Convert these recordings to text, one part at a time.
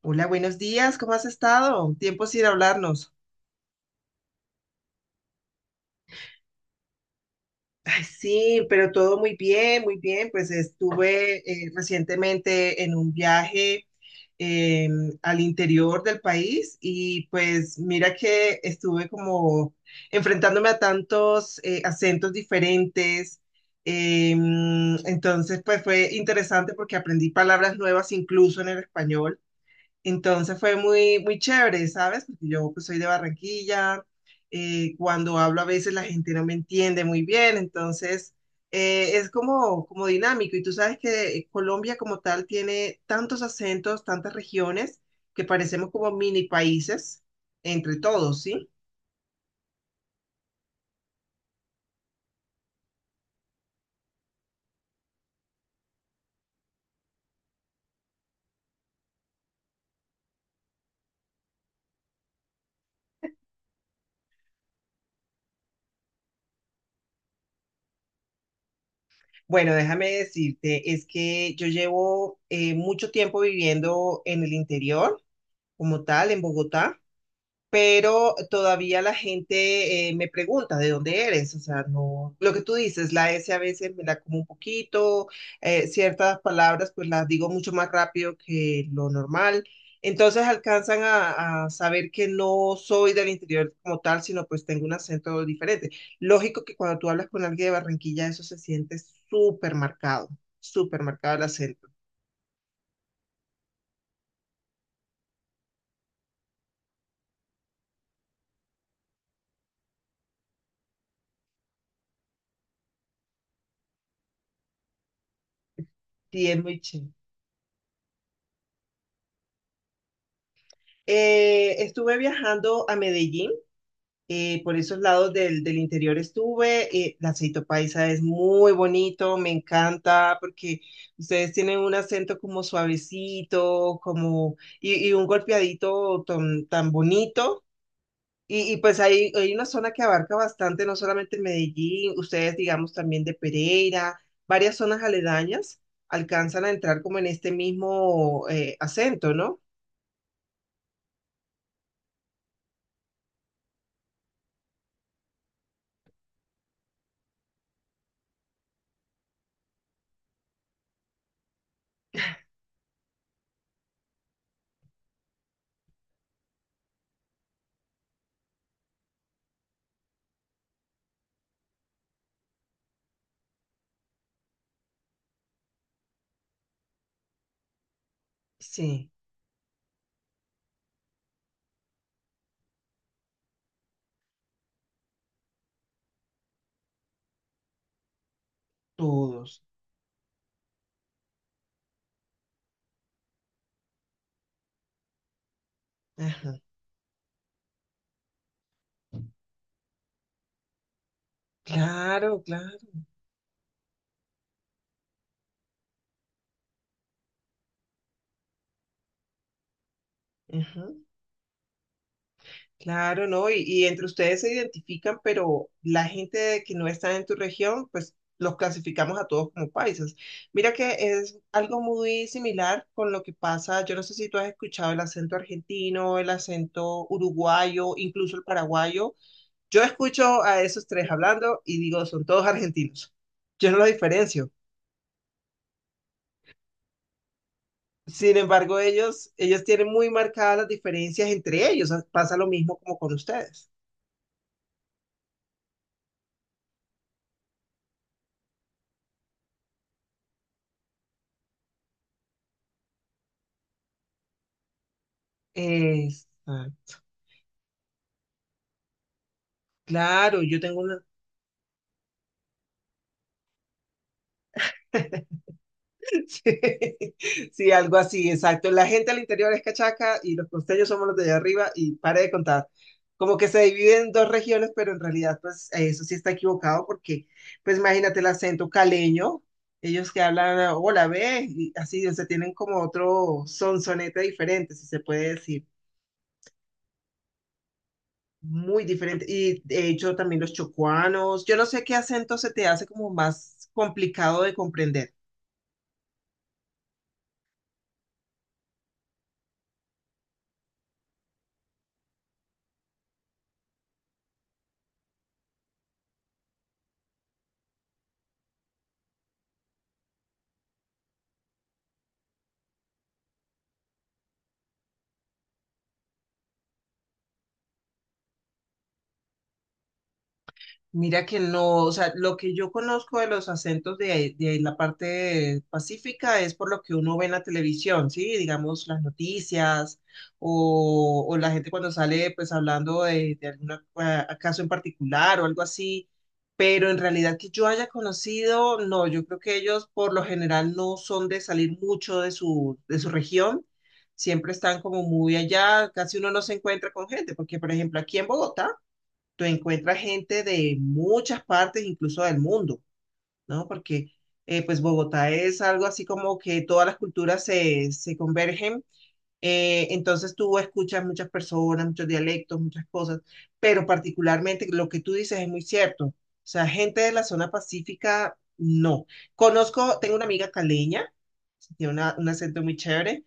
Hola, buenos días, ¿cómo has estado? Tiempo sin hablarnos. Ay, sí, pero todo muy bien, muy bien. Pues estuve recientemente en un viaje eh, al interior del país y pues mira que estuve como enfrentándome a tantos acentos diferentes. Eh, entonces, pues fue interesante porque aprendí palabras nuevas incluso en el español. Entonces fue muy, muy chévere, ¿sabes? Porque yo pues, soy de Barranquilla, cuando hablo a veces la gente no me entiende muy bien, entonces es como, como dinámico. Y tú sabes que Colombia como tal tiene tantos acentos, tantas regiones, que parecemos como mini países entre todos, ¿sí? Bueno, déjame decirte, es que yo llevo mucho tiempo viviendo en el interior, como tal, en Bogotá. Pero todavía la gente me pregunta de dónde eres, o sea, no, lo que tú dices, la S a veces me la como un poquito, ciertas palabras pues las digo mucho más rápido que lo normal, entonces alcanzan a saber que no soy del interior como tal, sino pues tengo un acento diferente. Lógico que cuando tú hablas con alguien de Barranquilla, eso se siente súper marcado, súper marcado el acento, sí, es muy chévere. Estuve viajando a Medellín por esos lados del interior estuve. El aceito paisa es muy bonito, me encanta porque ustedes tienen un acento como suavecito, como y un golpeadito tan, tan bonito. Y pues hay una zona que abarca bastante, no solamente Medellín, ustedes digamos también de Pereira, varias zonas aledañas alcanzan a entrar como en este mismo acento, ¿no? Sí, todos. Ajá. Claro, claro. Ajá. Claro, ¿no? Y entre ustedes se identifican, pero la gente que no está en tu región, pues los clasificamos a todos como paisas. Mira que es algo muy similar con lo que pasa, yo no sé si tú has escuchado el acento argentino, el acento uruguayo, incluso el paraguayo. Yo escucho a esos tres hablando y digo, son todos argentinos. Yo no los diferencio. Sin embargo, ellos tienen muy marcadas las diferencias entre ellos. Pasa lo mismo como con ustedes. Exacto. Claro, yo tengo una. Sí, sí, algo así, exacto. La gente al interior es cachaca y los costeños somos los de allá arriba y pare de contar. Como que se dividen en dos regiones, pero en realidad, pues eso sí está equivocado porque, pues imagínate el acento caleño, ellos que hablan, hola, ve, y así, o sea, tienen como otro sonsonete diferente, si se puede decir, muy diferente. Y de hecho también los chocuanos, yo no sé qué acento se te hace como más complicado de comprender. Mira que no, o sea, lo que yo conozco de los acentos de, de ahí la parte pacífica es por lo que uno ve en la televisión, ¿sí? Digamos, las noticias o la gente cuando sale pues hablando de algún caso en particular o algo así, pero en realidad que yo haya conocido, no, yo creo que ellos por lo general no son de salir mucho de su región, siempre están como muy allá, casi uno no se encuentra con gente, porque por ejemplo aquí en Bogotá, tú encuentras gente de muchas partes, incluso del mundo, ¿no? Porque pues Bogotá es algo así como que todas las culturas se, se convergen, entonces tú escuchas muchas personas, muchos dialectos, muchas cosas, pero particularmente lo que tú dices es muy cierto, o sea, gente de la zona pacífica, no. Conozco, tengo una amiga caleña, tiene un acento muy chévere.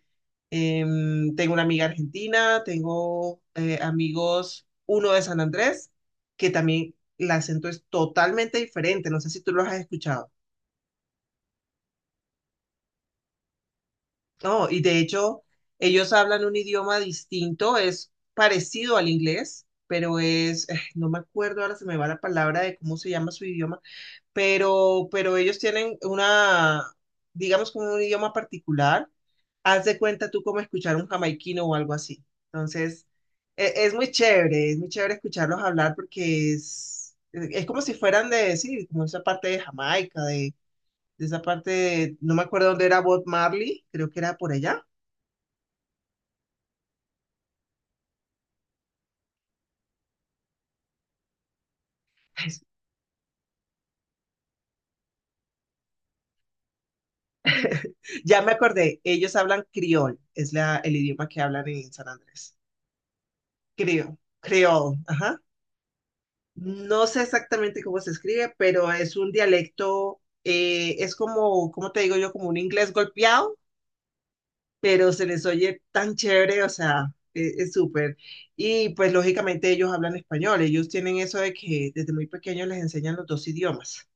Tengo una amiga argentina, tengo amigos, uno de San Andrés, que también el acento es totalmente diferente. No sé si tú los has escuchado. No, y de hecho, ellos hablan un idioma distinto, es parecido al inglés, pero es, no me acuerdo, ahora se me va la palabra de cómo se llama su idioma. Pero ellos tienen una, digamos, como un idioma particular. Haz de cuenta tú como escuchar un jamaiquino o algo así. Entonces, es muy chévere escucharlos hablar porque es, es como si fueran de, sí, como esa parte de Jamaica, de, no me acuerdo dónde era Bob Marley, creo que era por allá. Ya me acordé, ellos hablan criol, es la, el idioma que hablan en San Andrés. Criol, criol, ajá. No sé exactamente cómo se escribe, pero es un dialecto, es como, ¿cómo te digo yo? Como un inglés golpeado, pero se les oye tan chévere, o sea, es súper. Y pues lógicamente ellos hablan español, ellos tienen eso de que desde muy pequeños les enseñan los dos idiomas.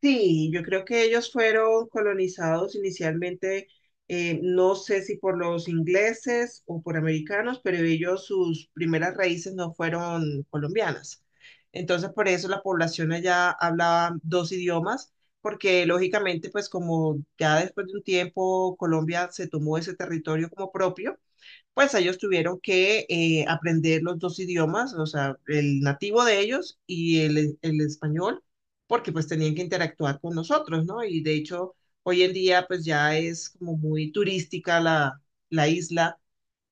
Sí, yo creo que ellos fueron colonizados inicialmente, no sé si por los ingleses o por americanos, pero ellos sus primeras raíces no fueron colombianas. Entonces, por eso la población allá hablaba dos idiomas, porque lógicamente, pues como ya después de un tiempo Colombia se tomó ese territorio como propio, pues ellos tuvieron que aprender los dos idiomas, o sea, el nativo de ellos y el español, porque pues tenían que interactuar con nosotros, ¿no? Y de hecho, hoy en día pues ya es como muy turística la, la isla,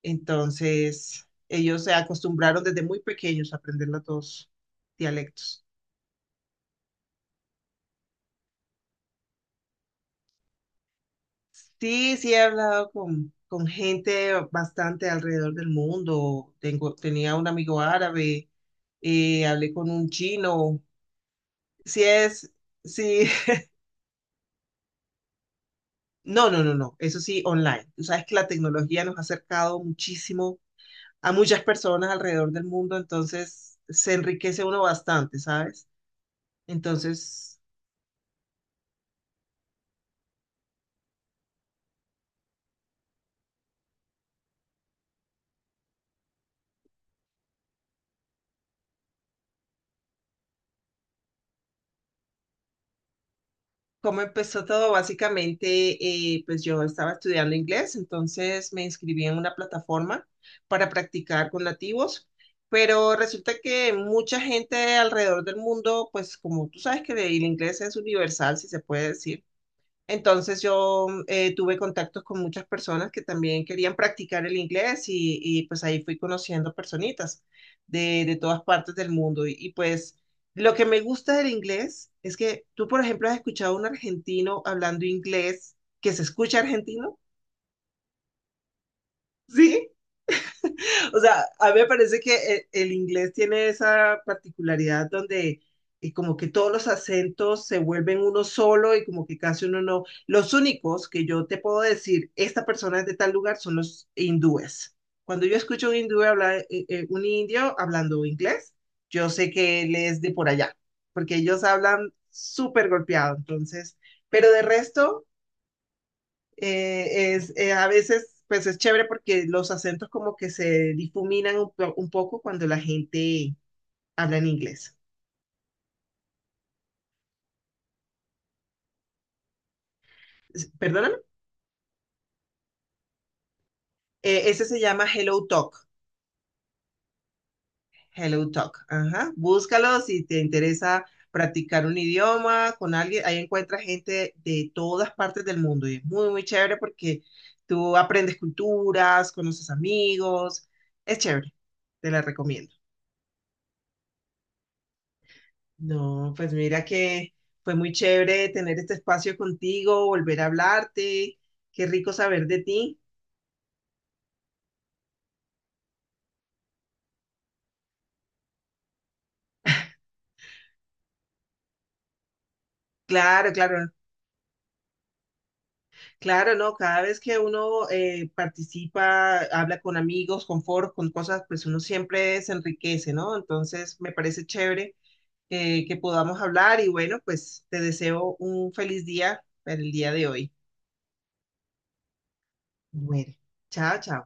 entonces ellos se acostumbraron desde muy pequeños a aprender los dos dialectos. Sí, sí he hablado con gente bastante alrededor del mundo. Tengo, tenía un amigo árabe, hablé con un chino, Si es, si, no, no, no, no, eso sí, online. Tú sabes que la tecnología nos ha acercado muchísimo a muchas personas alrededor del mundo, entonces se enriquece uno bastante, ¿sabes? Entonces, ¿cómo empezó todo? Básicamente, pues yo estaba estudiando inglés, entonces me inscribí en una plataforma para practicar con nativos. Pero resulta que mucha gente alrededor del mundo, pues como tú sabes que el inglés es universal, si se puede decir, entonces yo tuve contactos con muchas personas que también querían practicar el inglés y, pues ahí fui conociendo personitas de todas partes del mundo. Y, pues lo que me gusta del inglés es que tú, por ejemplo, has escuchado a un argentino hablando inglés que se escucha argentino, ¿sí? O sea, a mí me parece que el inglés tiene esa particularidad donde como que todos los acentos se vuelven uno solo y como que casi uno no. Los únicos que yo te puedo decir, esta persona es de tal lugar, son los hindúes. Cuando yo escucho un hindú hablar, un indio hablando inglés, yo sé que él es de por allá, porque ellos hablan súper golpeado, entonces, pero de resto es, a veces, pues es chévere porque los acentos como que se difuminan un, un poco cuando la gente habla en inglés. Perdóname. Ese se llama Hello Talk. Hello Talk. Ajá. Búscalo si te interesa practicar un idioma con alguien. Ahí encuentras gente de todas partes del mundo y es muy, muy chévere porque tú aprendes culturas, conoces amigos. Es chévere. Te la recomiendo. No, pues mira que fue muy chévere tener este espacio contigo, volver a hablarte, qué rico saber de ti. Claro, claro, claro, no, cada vez que uno participa, habla con amigos, con foros, con cosas, pues uno siempre se enriquece, ¿no? Entonces me parece chévere que podamos hablar y bueno, pues te deseo un feliz día para el día de hoy. Bueno, chao, chao.